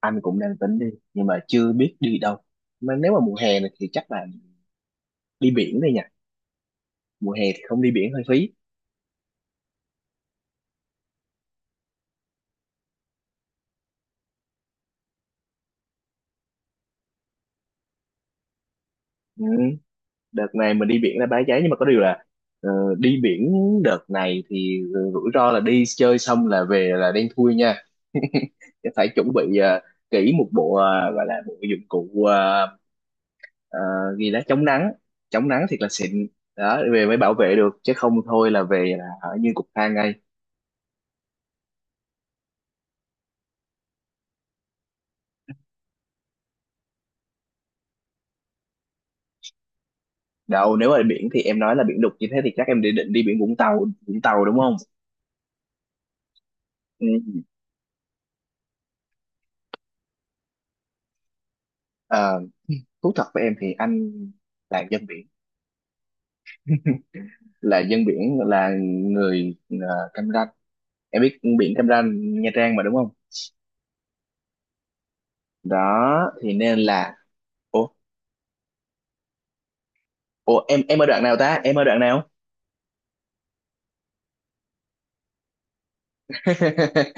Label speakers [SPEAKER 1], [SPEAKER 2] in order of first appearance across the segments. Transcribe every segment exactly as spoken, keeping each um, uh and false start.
[SPEAKER 1] Anh cũng đang tính đi nhưng mà chưa biết đi đâu. Mà nếu mà mùa hè này thì chắc là đi biển đây nha. Mùa hè thì không đi biển hơi phí. Ừ. Đợt này mình đi biển là Bãi Cháy nhưng mà có điều là ờ, đi biển đợt này thì rủi ro là đi chơi xong là về là đen thui nha. Phải chuẩn bị ờ, kỹ một bộ ờ, gọi là bộ dụng cụ ờ, ờ, gì đó chống nắng, chống nắng thiệt là xịn đó về mới bảo vệ được chứ không thôi là về là ở như cục than ngay. Đâu, nếu mà biển thì em nói là biển đục như thế thì chắc em định định đi biển Vũng Tàu, Vũng Tàu đúng không? Ừ. à, thú thật với em thì anh là dân biển, là dân biển, là người ờ, Cam Ranh. Em biết biển Cam Ranh, Nha Trang mà đúng không? Đó thì nên là, ủa, ủa em em ở đoạn nào ta? Em ở đoạn nào?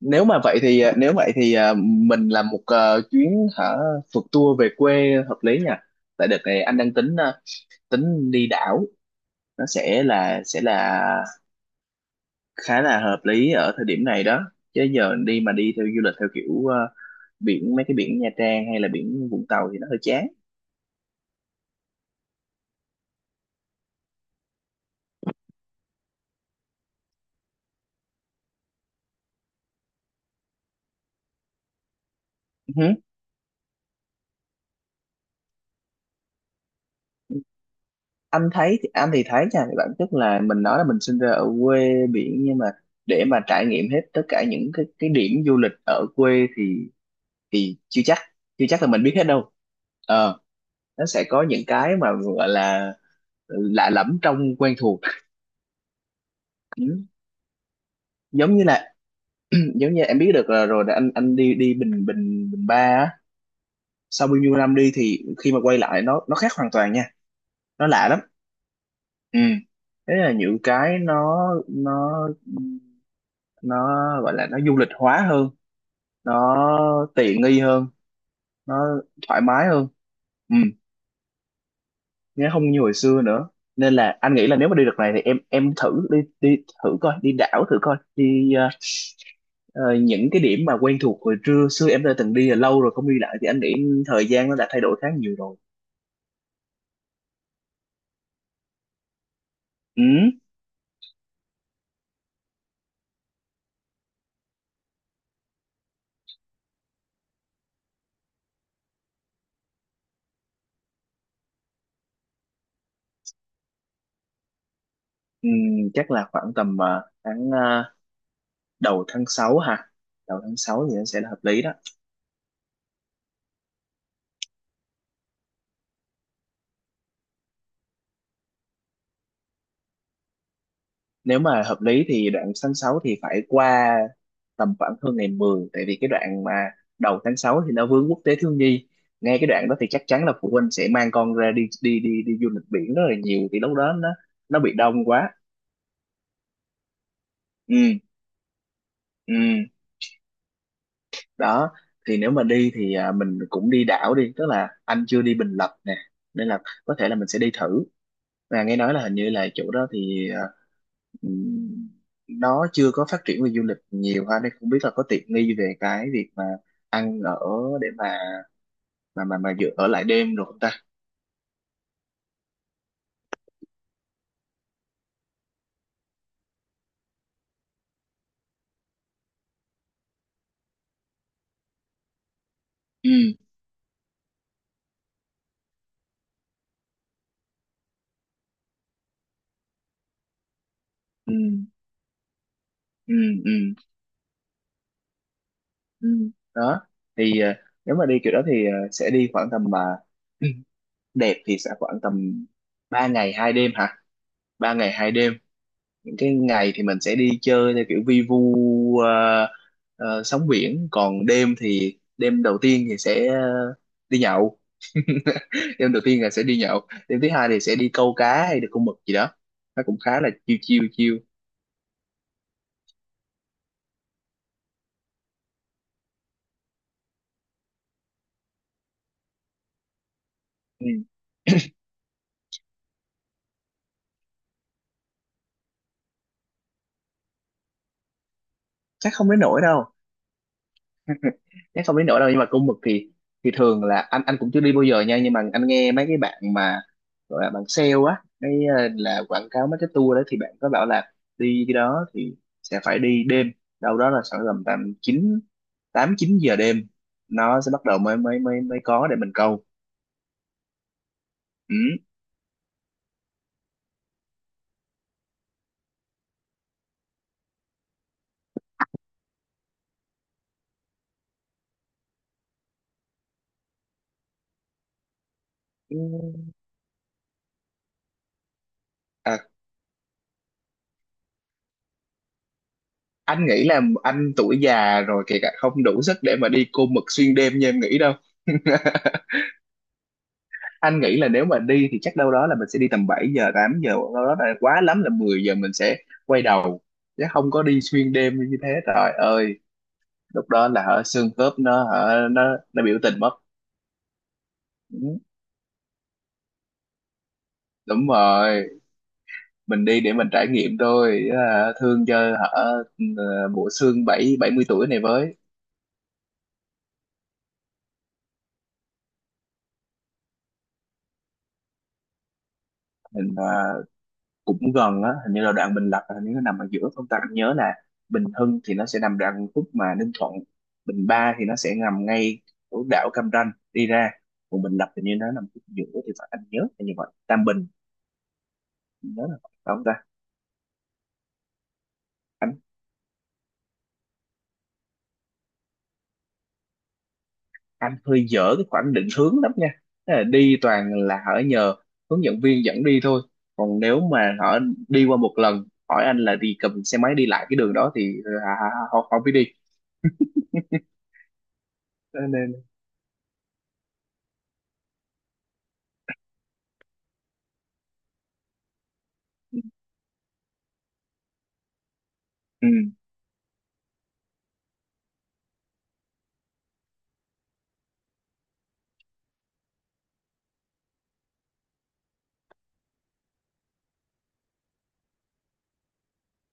[SPEAKER 1] nếu mà vậy thì ờ, Nếu vậy thì ờ, mình làm một ờ, chuyến hả, phượt tour về quê hợp lý nha. Tại đợt này anh đang tính ờ, tính đi đảo. Nó sẽ là, sẽ là khá là hợp lý ở thời điểm này đó. Chứ giờ đi mà đi theo du lịch theo kiểu ờ, biển, mấy cái biển Nha Trang hay là biển Vũng Tàu thì nó hơi chán. Ừ hứ. Anh thấy thì, anh thì thấy nha, thì bản chất là mình nói là mình sinh ra ở quê biển nhưng mà để mà trải nghiệm hết tất cả những cái cái điểm du lịch ở quê thì thì chưa chắc, chưa chắc là mình biết hết đâu. ờ nó sẽ có những cái mà gọi là lạ lẫm trong quen thuộc. Ừ. Giống như là, giống như em biết được là rồi là anh anh đi đi Bình Bình Bình Ba á. Sau bao nhiêu năm đi thì khi mà quay lại nó nó khác hoàn toàn nha. Nó lạ lắm. Ừ. Thế là những cái nó nó nó gọi là, nó du lịch hóa hơn, nó tiện nghi hơn, nó thoải mái hơn. Ừ. Nó không như hồi xưa nữa. Nên là anh nghĩ là nếu mà đi đợt này thì em em thử đi đi, thử coi đi đảo, thử coi đi ờ, ờ, những cái điểm mà quen thuộc hồi trưa xưa em đã từng đi là lâu rồi không đi lại thì anh nghĩ thời gian nó đã thay đổi khá nhiều rồi. Ừ. Ừ, chắc là khoảng tầm ờ, tháng ờ, đầu tháng sáu ha. Đầu tháng sáu thì nó sẽ là hợp lý đó. Nếu mà hợp lý thì đoạn tháng sáu thì phải qua tầm khoảng hơn ngày mười, tại vì cái đoạn mà đầu tháng sáu thì nó vướng quốc tế thiếu nhi. Ngay cái đoạn đó thì chắc chắn là phụ huynh sẽ mang con ra đi đi đi đi du lịch biển rất là nhiều thì lúc đó nó nó bị đông quá. Ừ, ừ. Đó thì nếu mà đi thì à, mình cũng đi đảo đi. Tức là anh chưa đi Bình Lập nè, nên là có thể là mình sẽ đi thử, là nghe nói là hình như là chỗ đó thì ờ, ừm, nó chưa có phát triển về du lịch nhiều ha. Nên không biết là có tiện nghi về cái việc mà ăn ở để mà mà mà mà dự ở lại đêm rồi không ta. Ừ, ừ, ừ, ừ, ừ. Đó thì ờ, nếu mà đi kiểu đó thì ờ, sẽ đi khoảng tầm mà đẹp thì sẽ khoảng tầm ba ngày hai đêm hả. Ba ngày hai đêm, cái ngày thì mình sẽ đi chơi theo kiểu vi vu ờ, ờ, sóng biển. Còn đêm thì đêm đầu tiên thì sẽ ờ, đi nhậu. Đêm đầu tiên là sẽ đi nhậu. Đêm thứ hai thì sẽ đi câu cá hay là câu mực gì đó. Nó cũng khá là chiêu chiêu chiêu. Ừ. Chắc không đến nổi đâu. Chắc không đến nỗi đâu, nhưng mà cung mực thì thì thường là anh anh cũng chưa đi bao giờ nha, nhưng mà anh nghe mấy cái bạn mà gọi là bạn sale á, cái ờ, là quảng cáo mấy cái tour đó thì bạn có bảo là đi cái đó thì sẽ phải đi đêm, đâu đó là khoảng tầm tầm chín, tám chín giờ đêm nó sẽ bắt đầu mới mới mới mới có để mình câu. Ừ. Ừ. à, anh nghĩ là anh tuổi già rồi kể cả không đủ sức để mà đi cô mực xuyên đêm như em nghĩ đâu. Anh nghĩ là nếu mà đi thì chắc đâu đó là mình sẽ đi tầm bảy giờ tám giờ, đâu đó là quá lắm là mười giờ mình sẽ quay đầu, chứ không có đi xuyên đêm như thế, trời ơi. Lúc đó là hả, xương khớp nó hả, nó nó biểu tình mất. Ừ, đúng rồi. Mình đi để mình trải nghiệm thôi hả, thương cho hả ờ, bộ xương bảy bảy mươi tuổi này với. Mình, à, cũng gần á. Hình như là đoạn Bình Lập là hình như nó nằm ở giữa không ta, anh nhớ là Bình Hưng thì nó sẽ nằm đoạn khúc mà Ninh Thuận. Bình Ba thì nó sẽ nằm ngay ở đảo Cam Ranh đi ra, còn Bình Lập thì như nó nằm khúc giữa thì phải, anh nhớ là như vậy. Tam Bình, nhớ là vậy, phải không ta? Anh anh hơi dở cái khoảng định hướng lắm nha. Thế là đi toàn là hỏi nhờ hướng dẫn viên dẫn đi thôi. Còn nếu mà họ đi qua một lần hỏi anh là đi cầm xe máy đi lại cái đường đó thì họ họ, họ không biết đi. Cho nên. Ừ.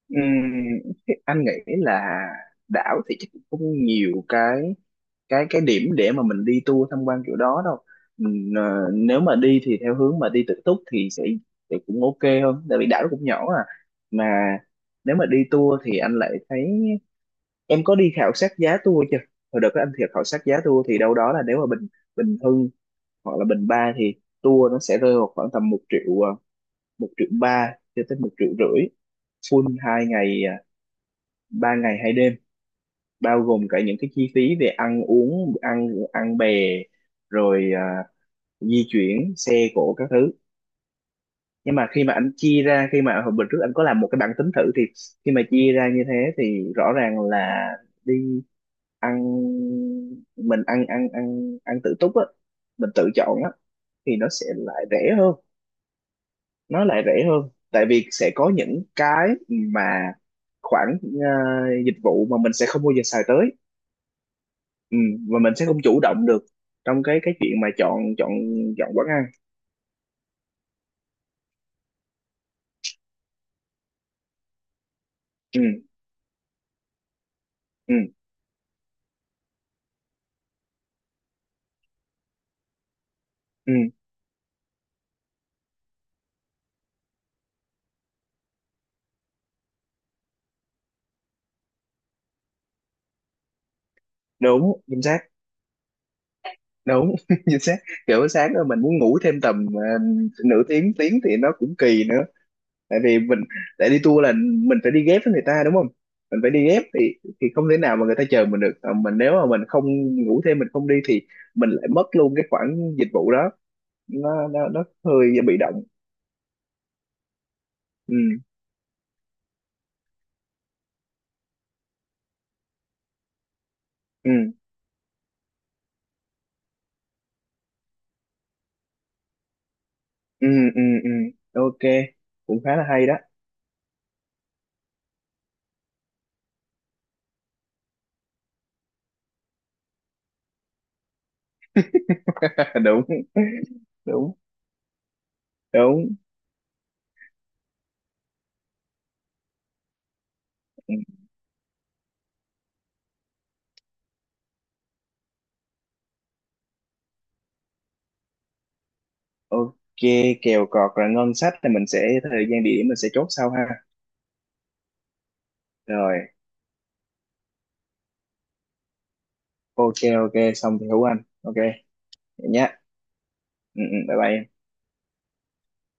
[SPEAKER 1] Ừm. Thế anh nghĩ là đảo thì chắc cũng không nhiều cái cái cái điểm để mà mình đi tour tham quan kiểu đó đâu. Ừm, ờ, nếu mà đi thì theo hướng mà đi tự túc thì sẽ, thì cũng ok hơn tại vì đảo nó cũng nhỏ à. Mà nếu mà đi tour thì anh lại thấy, em có đi khảo sát giá tour chưa? Hồi đợt đó anh thiệt khảo sát giá tour thì đâu đó là nếu mà Bình Bình Hưng hoặc là Bình Ba thì tour nó sẽ rơi vào khoảng tầm một triệu ờ, một triệu ba cho tới một triệu rưỡi, full hai ngày ờ, ba ngày hai đêm, bao gồm cả những cái chi phí về ăn uống, ăn ăn bè rồi à, di chuyển xe cộ các thứ. Nhưng mà khi mà anh chia ra, khi mà hồi bữa trước anh có làm một cái bảng tính thử thì khi mà chia ra như thế thì rõ ràng là đi ăn, mình ăn ăn ăn ăn tự túc á, mình tự chọn á, thì nó sẽ lại rẻ hơn. Nó lại rẻ hơn, tại vì sẽ có những cái mà khoản ờ, dịch vụ mà mình sẽ không bao giờ xài tới. Ừ. Và mình sẽ không chủ động được trong cái cái chuyện mà chọn chọn chọn quán ăn. Ừ, ừ, ừ, đúng chính xác. Đúng chính xác. Kiểu sáng rồi mình muốn ngủ thêm tầm ờ, nửa tiếng tiếng thì nó cũng kỳ nữa, tại vì mình, để đi tour là mình phải đi ghép với người ta đúng không. Mình phải đi ghép thì thì không thể nào mà người ta chờ mình được. Ờ, mình nếu mà mình không ngủ thêm, mình không đi thì mình lại mất luôn cái khoản dịch vụ đó. Nó nó nó hơi bị động. Ừ, ừ, ừ, ừ, ừ, ok. Cũng khá là hay đó. Đúng, đúng, đúng. Ừ, ok. Kèo cọt là ngân sách thì mình sẽ, thời gian địa điểm mình sẽ chốt sau ha. Rồi, ok. Ok, xong thì hữu anh. Ok, vậy nhá. Ừ, ừ, bye bye em.